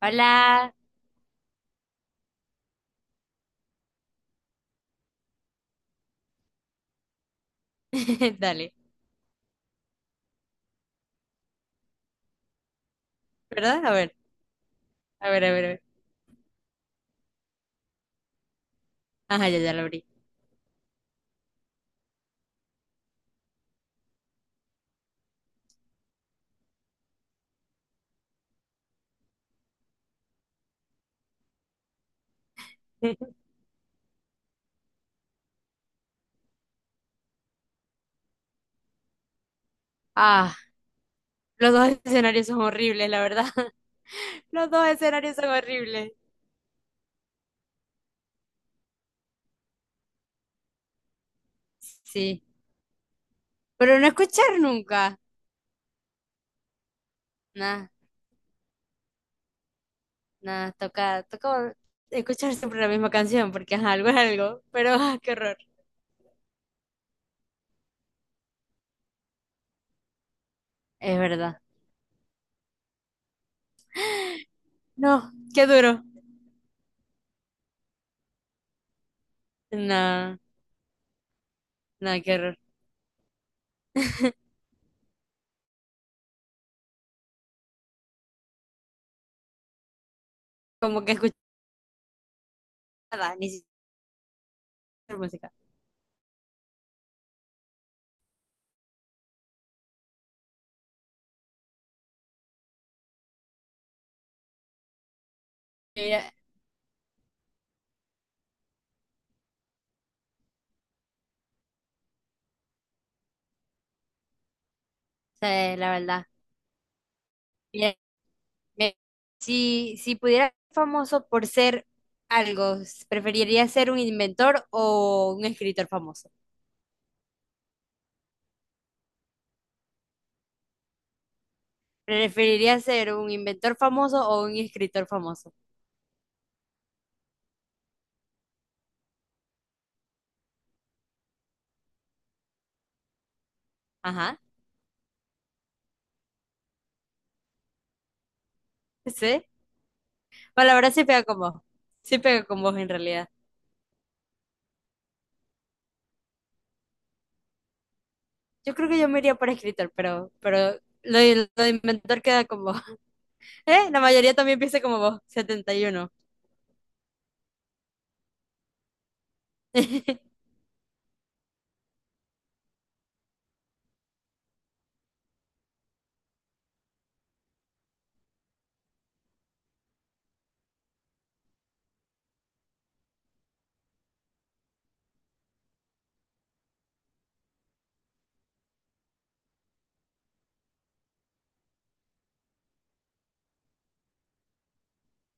Hola. Dale. ¿Verdad? A ver, a ver, a ver, a ver. Ajá, ya, ya lo abrí. Ah, los dos escenarios son horribles, la verdad. Los dos escenarios son horribles. Sí. Pero no escuchar nunca. Nada, nada. Toca, toca escuchar siempre la misma canción porque ajá, algo es algo. Pero ah, qué horror. Es verdad. No, qué duro. No, no, qué horror. Como que escuchar nada, ni siquiera música. Mira, sí, la verdad. Me- si pudiera ser famoso por ser algo, ¿preferiría ser un inventor o un escritor famoso? ¿Preferiría ser un inventor famoso o un escritor famoso? Ajá, sí. Bueno, la verdad sí pega con vos. Sí pega con vos en realidad. Yo creo que yo me iría por escritor, pero lo de inventor queda con vos. ¿Eh? La mayoría también piensa como vos, 71.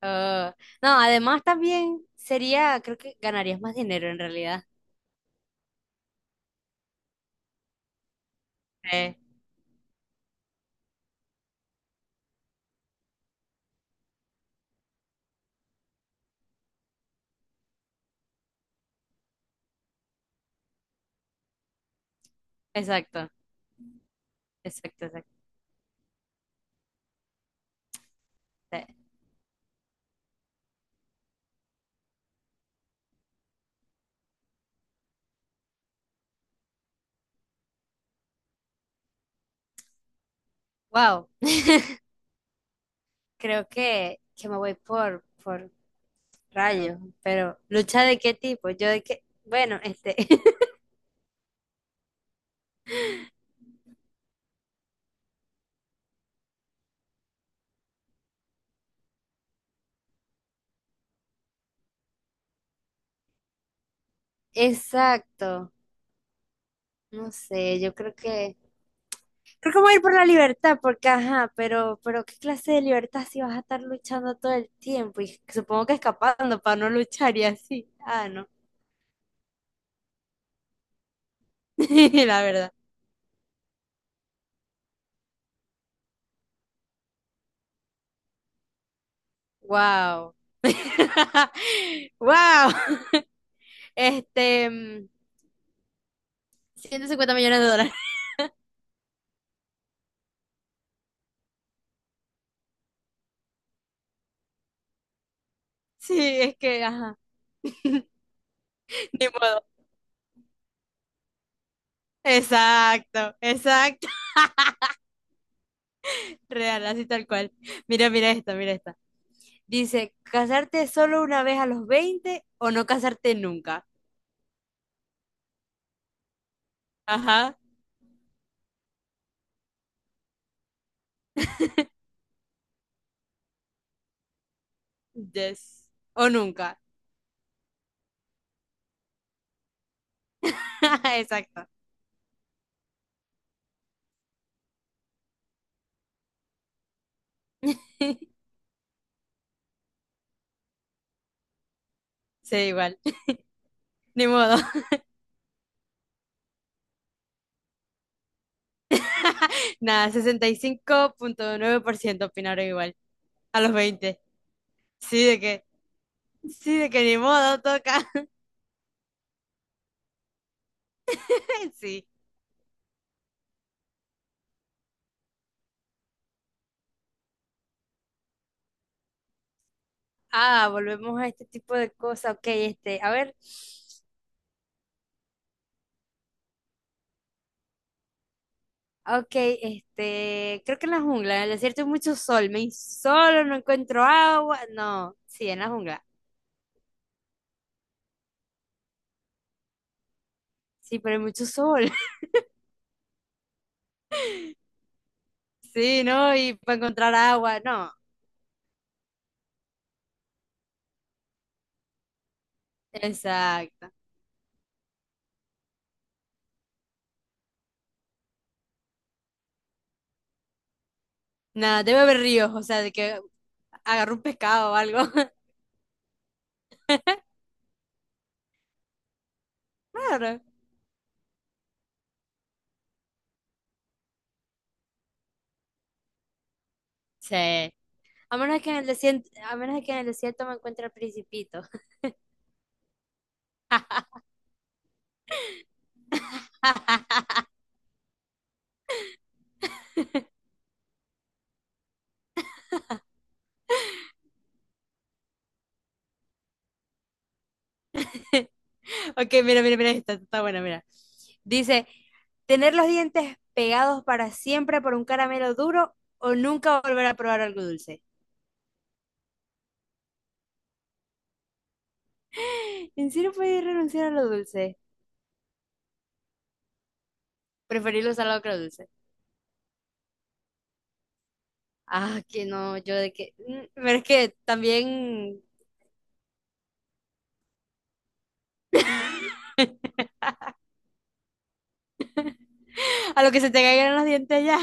Ah, no, además también sería, creo que ganarías más dinero en realidad. Eh, exacto. Exacto, exacto. Wow, creo que me voy por rayos, pero ¿lucha de qué tipo? Yo de qué, bueno, este, exacto, no sé, yo creo que voy a ir por la libertad, porque ajá, pero ¿qué clase de libertad si vas a estar luchando todo el tiempo? Y supongo que escapando para no luchar y así, ah, no, la verdad, wow, wow, este, 150 millones de dólares, sí, es que, ajá, ni modo. Exacto, exacto, real, así tal cual. Mira, mira esta, mira esta. Dice, ¿casarte solo una vez a los 20 o no casarte nunca? Ajá, yes. O nunca. Exacto. Sí, igual. Ni modo. Nada, 65,9% opinaron igual. A los 20. Sí, de que, sí, de que ni modo toca. Sí. Ah, volvemos a este tipo de cosas. Ok, este, a ver. Ok, este, creo que en la jungla, en el desierto hay mucho sol, me insolo, no encuentro agua, no, sí, en la jungla, sí, pero hay mucho sol, sí, ¿no? Y para encontrar agua, no, exacto, nada, debe haber ríos, o sea, de que agarro un pescado o algo, claro, sí, a menos que en el desierto, a menos que en el desierto me encuentre el principito, Ok, mira, mira, mira, esta está buena, mira. Dice, tener los dientes pegados para siempre por un caramelo duro o nunca volver a probar algo dulce. ¿En serio puedes renunciar a lo dulce? Preferir lo salado que lo dulce. Ah, que no, yo de que... pero es que también a lo que se te caigan los dientes ya.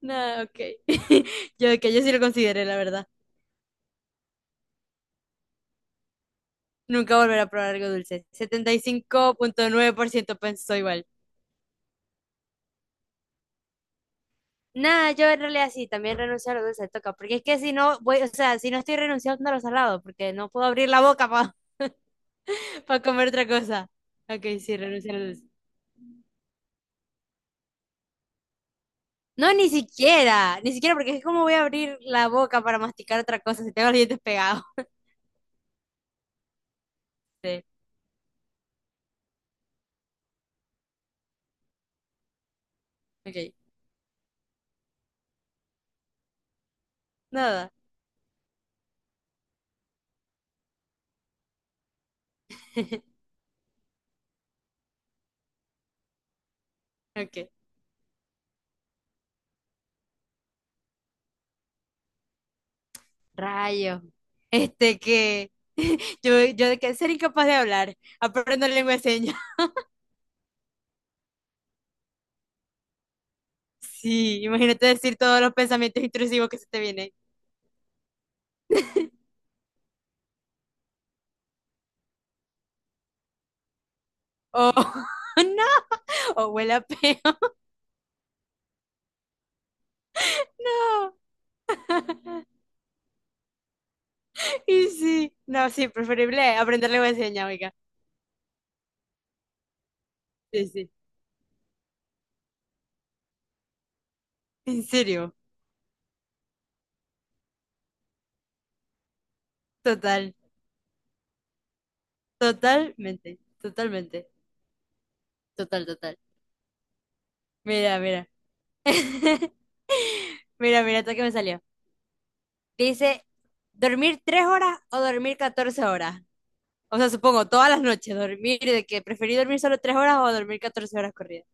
No, ok. Yo de que yo sí lo consideré, la verdad. Nunca volver a probar algo dulce. 75,9% pensó igual. Nada, yo en realidad sí, también renuncio a lo dulce, toca, porque es que si no voy, o sea, si no estoy renunciando a lo salado, porque no puedo abrir la boca para comer otra cosa. Ok, sí, renuncio a lo dulce. No, ni siquiera, ni siquiera, porque es como voy a abrir la boca para masticar otra cosa si tengo los dientes pegados. Sí, ok, nada. Ok, rayo. Este que yo de que ser incapaz de hablar, aprendo lengua de señas. Sí, imagínate decir todos los pensamientos intrusivos que se te vienen. Oh, no. O huele a peo. No. Y sí, no, sí, preferible aprender lengua de señas, oiga. Sí, sí, en serio, total, totalmente, totalmente, total, total. Mira, mira. Mira, mira, esto que me salió. Dice, ¿dormir 3 horas o dormir 14 horas? O sea, supongo, todas las noches, dormir, de que preferí dormir solo 3 horas o dormir 14 horas corridas.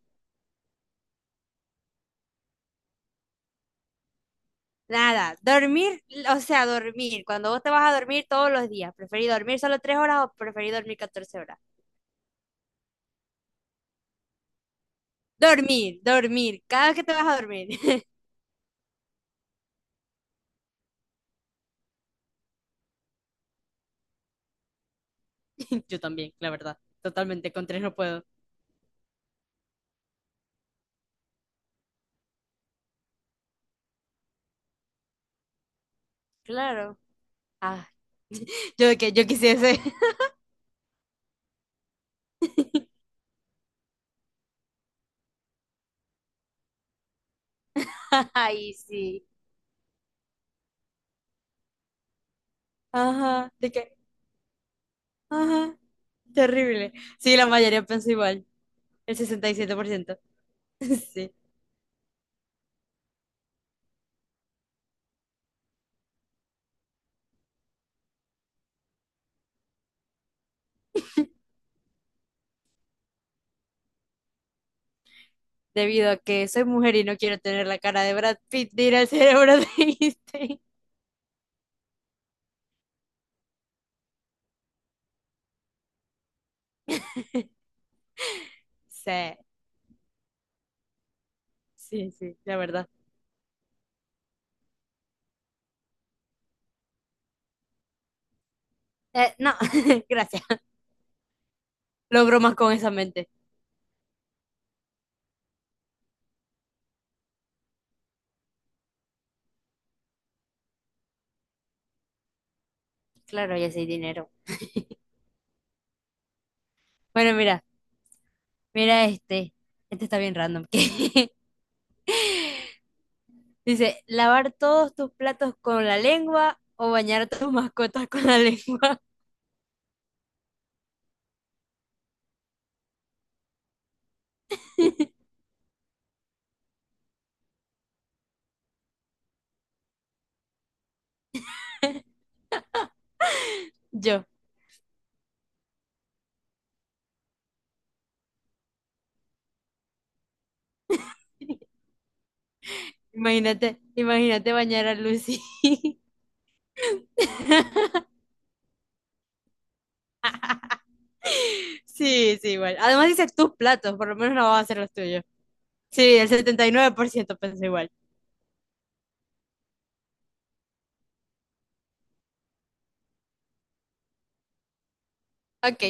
Nada, dormir, o sea, dormir. Cuando vos te vas a dormir todos los días, ¿preferís dormir solo 3 horas o preferís dormir 14 horas? Dormir, dormir, cada vez que te vas a dormir. Yo también, la verdad. Totalmente, con tres no puedo. Claro. Ah, yo de que yo quisiese. Ay, sí. Ajá, de que, ajá, terrible. Sí, la mayoría pensó igual, el 67%. Sí, debido a que soy mujer y no quiero tener la cara de Brad Pitt, dirá el cerebro de Einstein. Sí, sí, sí, la verdad. No, gracias. Logro más con esa mente. Claro, ya sé dinero. Bueno, mira, mira este. Este está bien random. Que dice, lavar todos tus platos con la lengua o bañar a tus mascotas con la lengua. Yo, imagínate, imagínate bañar a Lucy. Sí, sí, igual. Además dice tus platos, por lo menos no vas a hacer los tuyos. Sí, el 79% pensó igual. Ok.